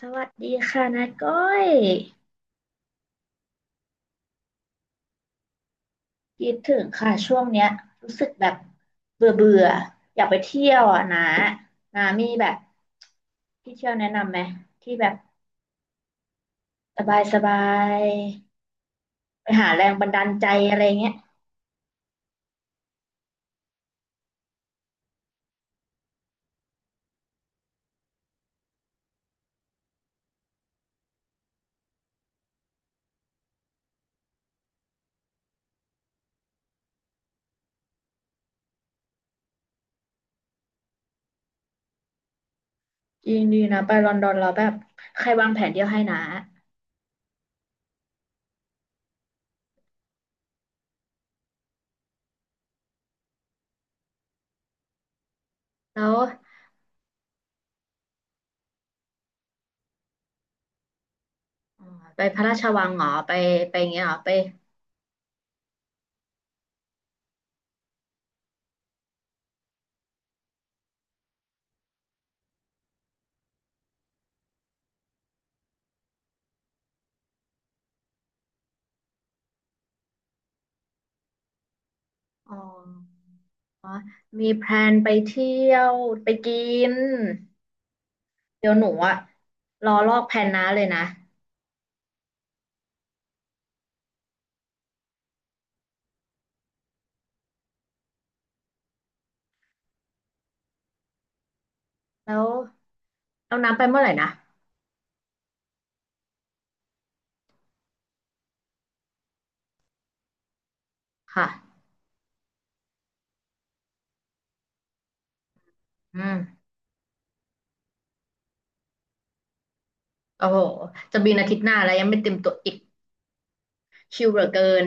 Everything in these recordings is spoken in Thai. สวัสดีค่ะนาก้อยคิดถึงค่ะช่วงเนี้ยรู้สึกแบบเบื่อเบื่ออยากไปเที่ยวอ่ะนะนามีแบบที่เที่ยวแนะนำไหมที่แบบสบายสบายไปหาแรงบันดาลใจอะไรเงี้ยจริงดีนะไปลอนดอนเราแล้วแบบใครวางแผนเที่ยวให้นะแล้วอ๋อไปพระราชวังเหรอไปไปอย่างเงี้ยเหรอไปอ๋อมีแพลนไปเที่ยวไปกินเดี๋ยวหนูอ่ะรอลอกแผนน้าเลยนะ แล้วเอาน้ำไปเมื่อไหร่นะค่ะ อืมโอ้โห จะบินอาทิตย์หน้าแล้วยังไม่เต็มตัวอีกชิลเหลือเกิน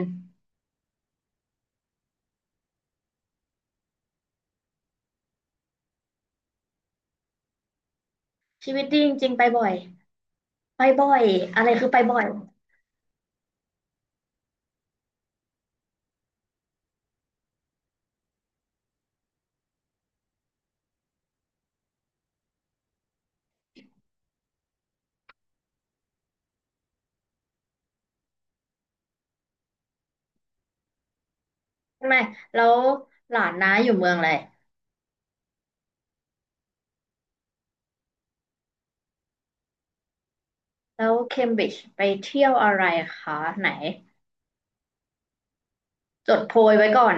ชีวิตดีจริงๆไปบ่อย ไปบ่อยอะไรคือไปบ่อย ใช่ไหม แล้วหลานน้าอยู่เมืองอะไรแล้วเคมบริดจ์ไปเที่ยวอะไรคะไหน จดโพยไว้ก่อน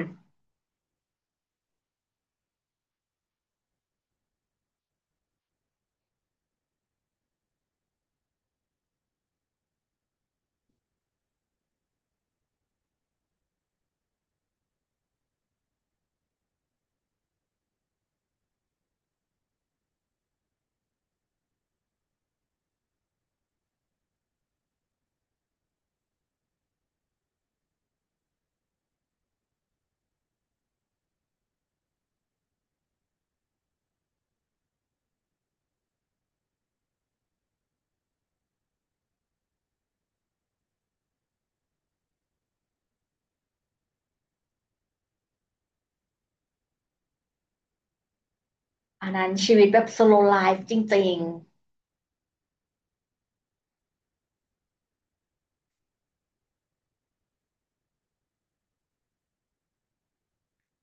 อันนั้นชีวิตแบบ s l o w l i f e จริง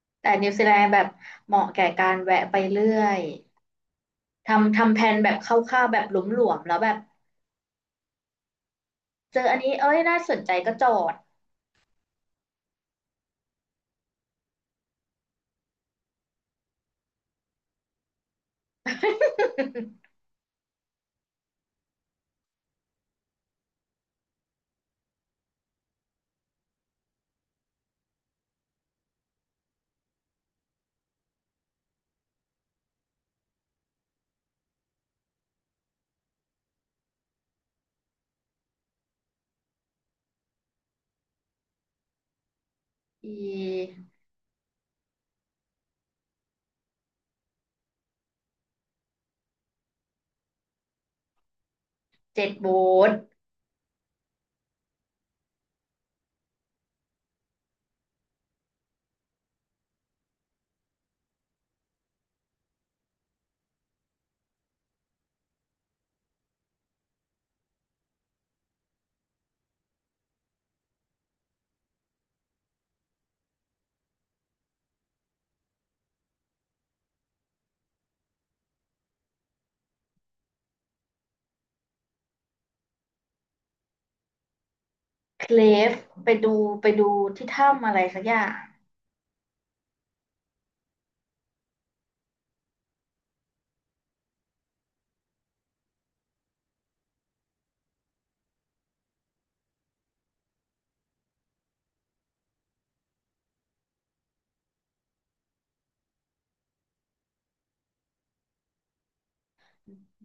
ๆแต่นิวซีแลนด์แบบเหมาะแก่การแวะไปเรื่อย ทำทำแผนแบบคร่าวๆแบบหลวมๆแล้วแบบเจออันนี้เอ้ยน่าสนใจก็จอด อีเจ็ดโบสทเคลฟไปดูไปดูที่ถ้ำอะไรสักอย่าง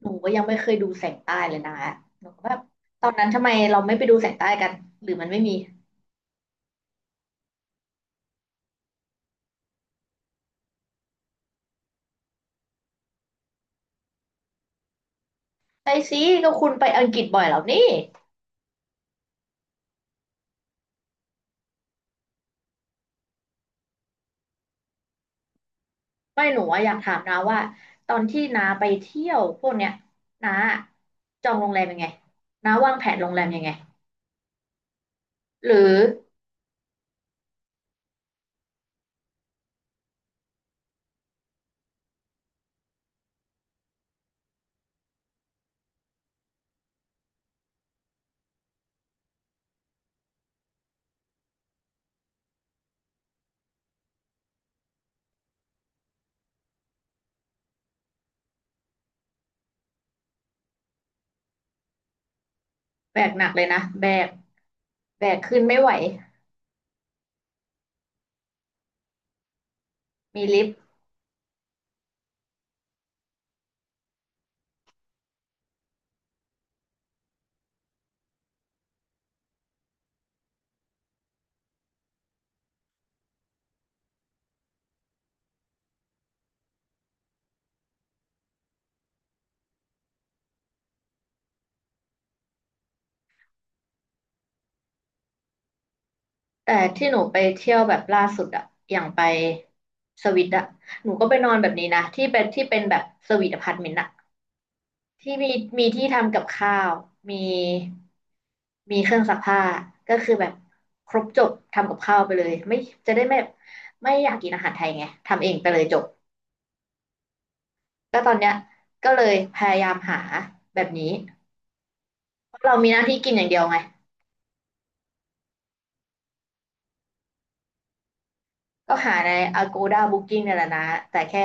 หนูก็ยังไม่เคยดูแสงใต้เลยนะหนูก็แบบตอนนั้นทำไมเราไม่ไปดูแสงใต้กันหรือมันไม่มีไปสิก็คุณไปอังกฤษบ่อยแล้วนี่ไม่หนูอะอยากถามนาว่าตอนที่นาไปเที่ยวพวกเนี้ยนาจองโรงแรมยังไงนาวางแผนโรงแรมยังไงหรือแบกหนักเลยนะแบกแบกขึ้นไม่ไหวมีลิฟต์ แต่ที่หนูไปเที่ยวแบบล่าสุดอะอย่างไปสวิตอะหนูก็ไปนอนแบบนี้นะที่เป็นที่เป็นแบบสวีทอพาร์ตเมนต์อะที่มีมีที่ทำกับข้าวมีมีเครื่องซักผ้าก็คือแบบครบจบทำกับข้าวไปเลยไม่จะได้ไม่ไม่อยากกินอาหารไทยไงทำเองไปเลยจบก็ตอนเนี้ยก็เลยพยายามหาแบบนี้เพราะเรามีหน้าที่กินอย่างเดียวไงก็หาใน Agoda Booking เนี่ยแหละนะแต่แค่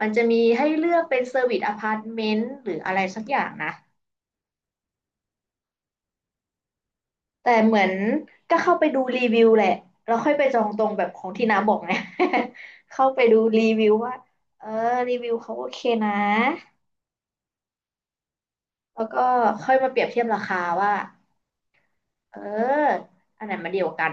มันจะมีให้เลือกเป็นเซอร์วิสอพาร์ตเมนต์หรืออะไรสักอย่างนะแต่เหมือนก็เข้าไปดูรีวิวแหละแล้วค่อยไปจองตรงแบบของที่น้าบอกไง เข้าไปดูรีวิวว่าเออรีวิวเขาโอเคนะแล้วก็ค่อยมาเปรียบเทียบราคาว่าเอออันไหนมาเดียวกัน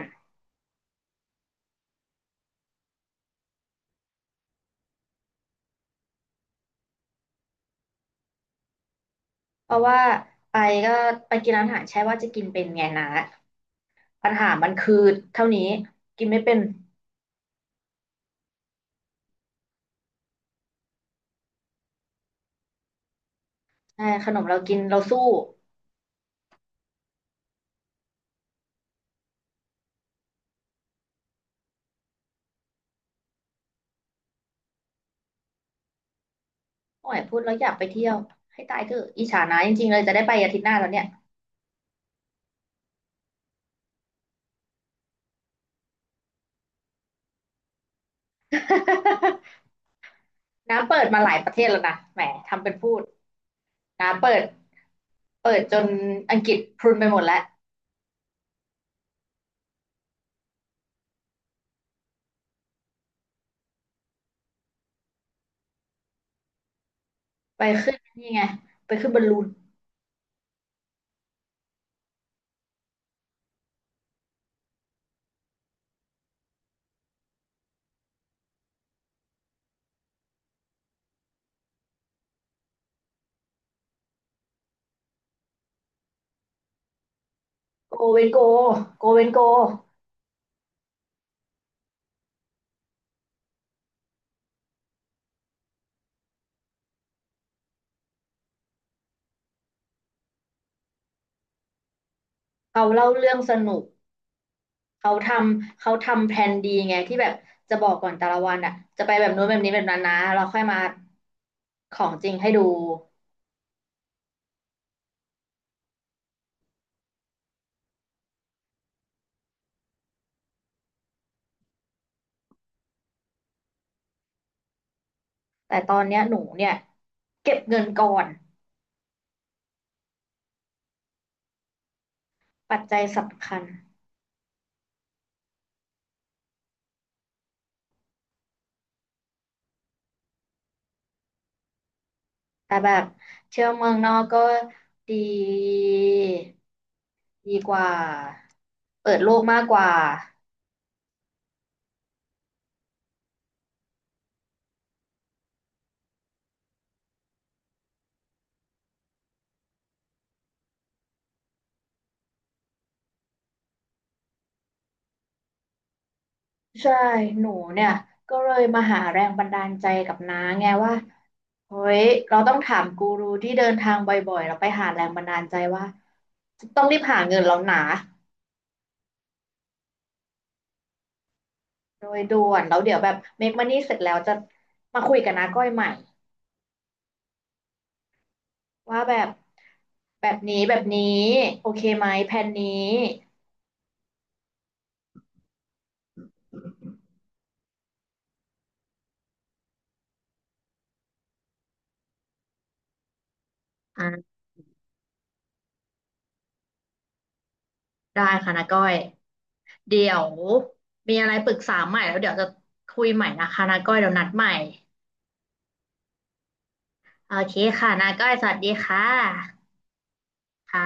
เพราะว่าไปก็ไปกินร้านอาหารใช่ว่าจะกินเป็นไงนะปัญหามันคือเท่านี้กินไม่เป็นใช่ขนมเรากินเราสู้ โอ้ยพูดแล้วอยากไปเที่ยวให้ตายเถอะอิจฉานะจริงๆเลยจะได้ไปอาทิตย์หน้าแล้วเนี่ย น้าเปิดมาหลายประเทศแล้วนะแหมทำเป็นพูดน้าเปิดเปิดจนอังกฤษพรุนไปหมดแล้วไปขึ้นนี่ไงไปขึ้นบอลลูนโกเวนโกโกเวนโกเขาเล่าเรื่องสนุกเขาทำเขาทำแผนดีไงที่แบบจะบอกก่อนแต่ละวันอ่ะจะไปแบบนู้นแบบนี้แบบนั้นนะเราค่อยมาของจริงให้ดูแต่ตอนเนี้ยหนูเนี่ยเก็บเงินก่อนปัจจัยสำคัญ แต่แบบเที่ยวเมืองนอกก็ดีดีกว่าเปิดโลกมากกว่าใช่หนูเนี่ยก็เลยมาหาแรงบันดาลใจกับน้าไงว่าเฮ้ยเราต้องถามกูรูที่เดินทางบ่อยๆเราไปหาแรงบันดาลใจว่าต้องรีบหาเงินแล้วนะโดยด่วนแล้วเดี๋ยวแบบเมคมันนี่เสร็จแล้วจะมาคุยกับน้าก้อยใหม่ว่าแบบแบบนี้แบบนี้โอเคไหมแผนนี้อ่า ได้ค่ะนาก้อยเดี๋ยวมีอะไรปรึกษาใหม่แล้วเดี๋ยวจะคุยใหม่นะคะนาก้อยเดี๋ยวนัดใหม่โอเคค่ะนาก้อยสวัสดีค่ะค่ะ